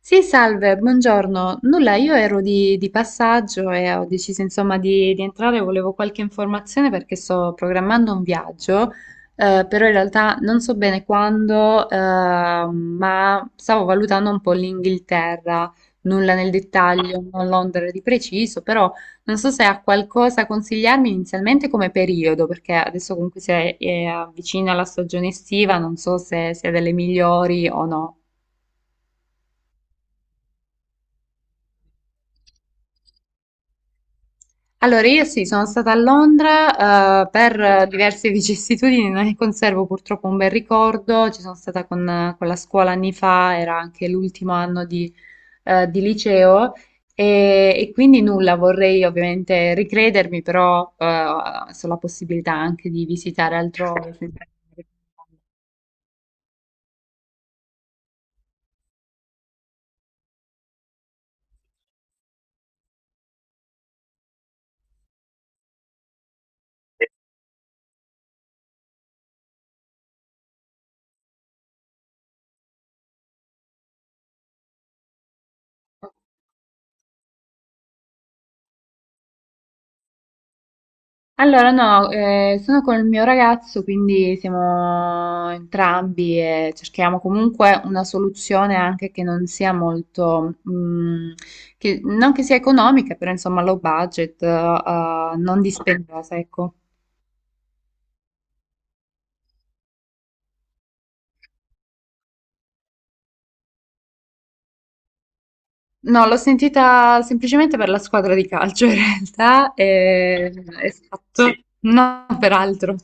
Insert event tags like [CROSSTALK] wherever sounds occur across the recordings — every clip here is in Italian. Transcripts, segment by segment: Sì, salve, buongiorno. Nulla, io ero di passaggio e ho deciso insomma di entrare, volevo qualche informazione perché sto programmando un viaggio, però in realtà non so bene quando, ma stavo valutando un po' l'Inghilterra, nulla nel dettaglio, non Londra di preciso, però non so se ha qualcosa a consigliarmi inizialmente come periodo, perché adesso comunque è avvicina la stagione estiva, non so se sia delle migliori o no. Allora, io sì, sono stata a Londra, per diverse [LAUGHS] vicissitudini, non ne conservo purtroppo un bel ricordo. Ci sono stata con la scuola anni fa, era anche l'ultimo anno di liceo, e quindi nulla, vorrei ovviamente ricredermi, però so la possibilità anche di visitare altrove. [LAUGHS] Allora, no, sono col mio ragazzo, quindi siamo entrambi e cerchiamo comunque una soluzione anche che non sia molto, che, non che sia economica, però insomma low budget, non dispendiosa, ecco. No, l'ho sentita semplicemente per la squadra di calcio [LAUGHS] in realtà, e, esatto, non per altro.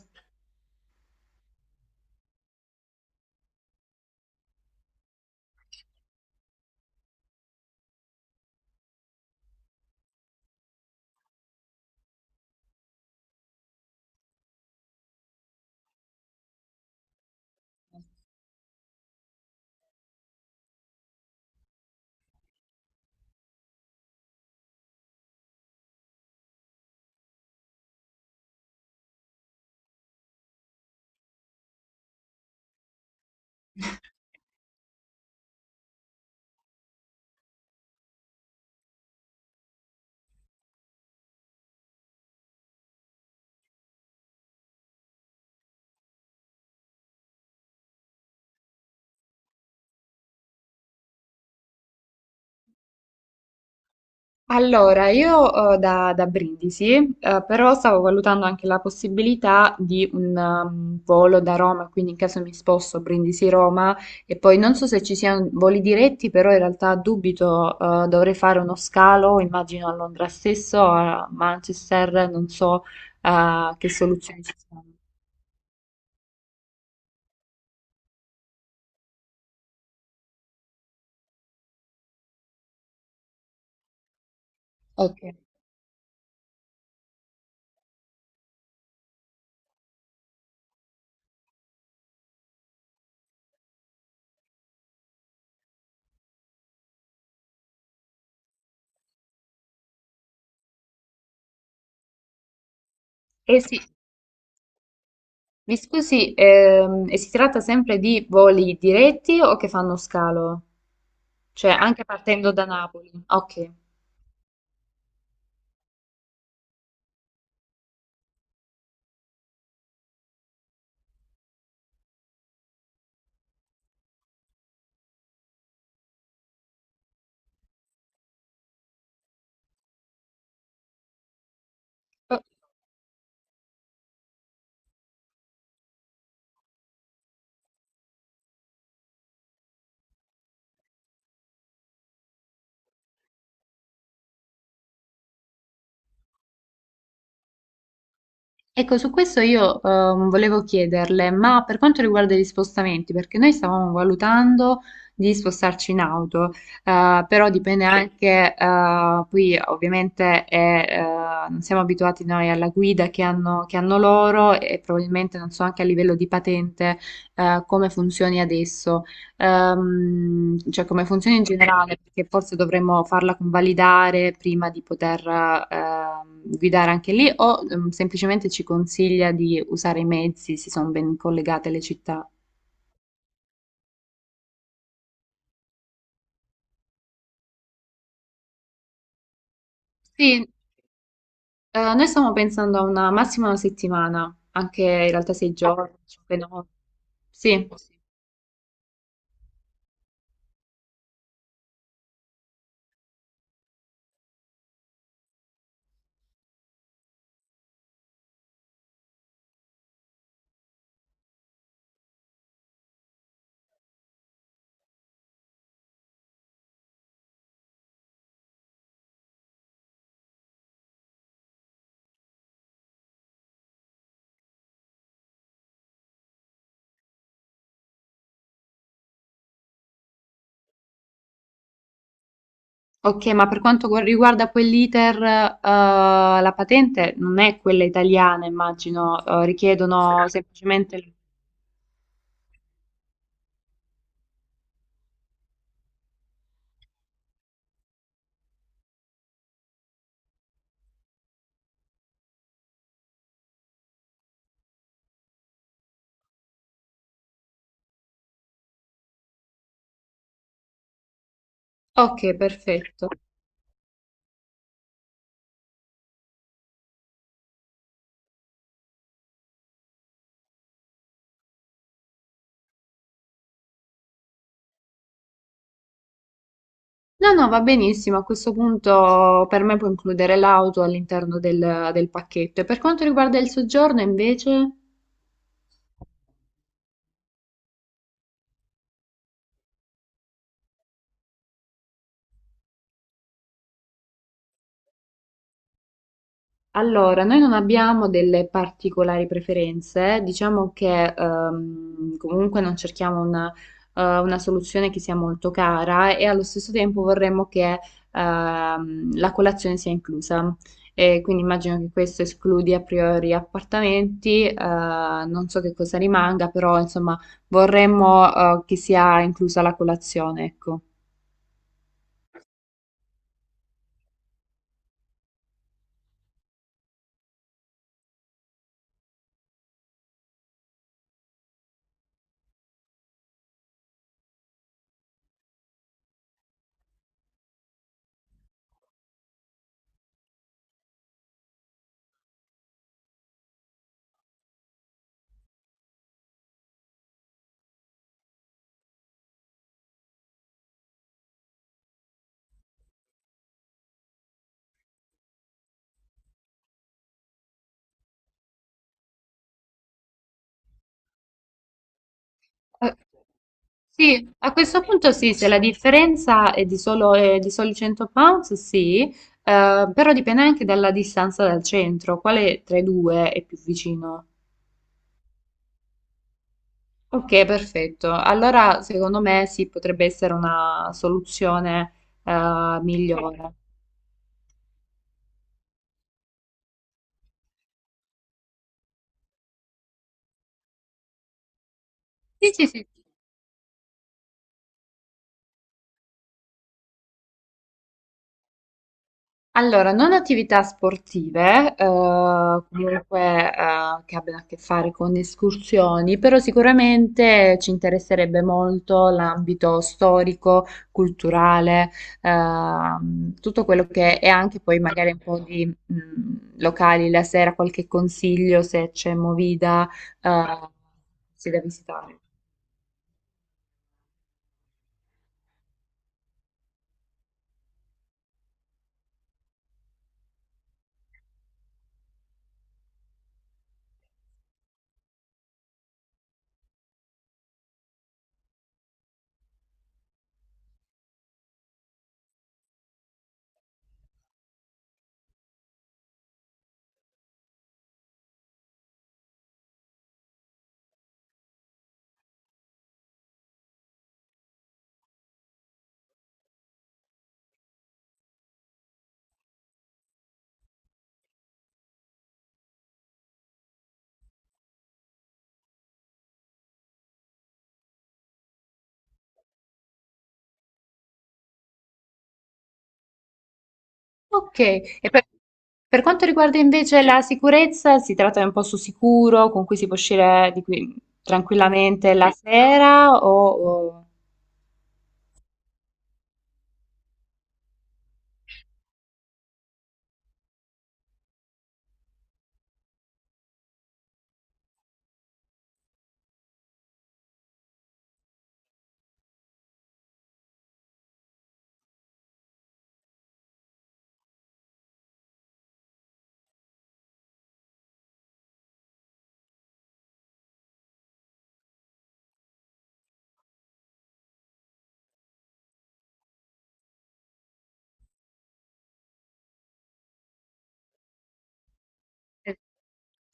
Allora, io da Brindisi, però stavo valutando anche la possibilità di un volo da Roma, quindi in caso mi sposto Brindisi-Roma e poi non so se ci siano voli diretti, però in realtà dubito, dovrei fare uno scalo, immagino a Londra stesso, a Manchester, non so che soluzioni ci sono. Ok. Eh sì, mi scusi, e si tratta sempre di voli diretti o che fanno scalo? Cioè, anche partendo da Napoli. Ok. Oh, ecco, su questo io volevo chiederle, ma per quanto riguarda gli spostamenti, perché noi stavamo valutando di spostarci in auto, però dipende anche, qui ovviamente non siamo abituati noi alla guida che hanno loro e probabilmente non so anche a livello di patente come funzioni adesso. Cioè come funziona in generale, perché forse dovremmo farla convalidare prima di poter guidare anche lì, o semplicemente ci consiglia di usare i mezzi se sono ben collegate le città. Sì, noi stiamo pensando a una massima una settimana, anche in realtà 6 giorni, 5 notti. Sì, ok, ma per quanto riguarda poi l'iter, la patente non è quella italiana, immagino, richiedono semplicemente... Ok, perfetto. No, no, va benissimo. A questo punto per me può includere l'auto all'interno del pacchetto. E per quanto riguarda il soggiorno, invece? Allora, noi non abbiamo delle particolari preferenze, diciamo che comunque non cerchiamo una soluzione che sia molto cara e allo stesso tempo vorremmo che la colazione sia inclusa. E quindi immagino che questo escludi a priori appartamenti, non so che cosa rimanga, però insomma vorremmo che sia inclusa la colazione, ecco. Eh, sì, a questo punto sì, se la differenza è di soli 100 pounds, sì, però dipende anche dalla distanza dal centro, quale tra i due è più vicino? Ok, perfetto. Allora, secondo me sì, potrebbe essere una soluzione migliore. Sì, sì, sì. Allora, non attività sportive, comunque che abbiano a che fare con escursioni, però sicuramente ci interesserebbe molto l'ambito storico, culturale, tutto quello che è anche poi magari un po' di locali la sera, qualche consiglio se c'è movida, eh, se da visitare. Ok, e per quanto riguarda invece la sicurezza, si tratta di un posto sicuro con cui si può uscire di qui tranquillamente la sera.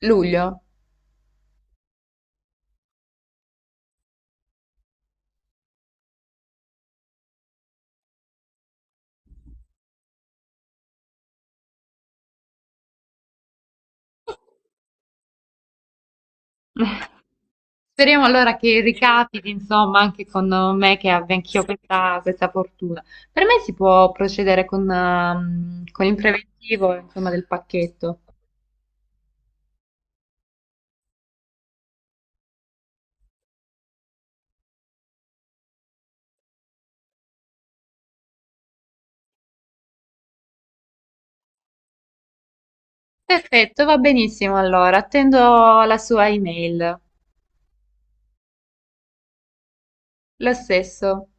Luglio? [LAUGHS] Speriamo allora che ricapiti, insomma, anche con me che abbia anch'io questa fortuna. Per me si può procedere con il preventivo, insomma, del pacchetto. Perfetto, va benissimo allora, attendo la sua email. Lo stesso.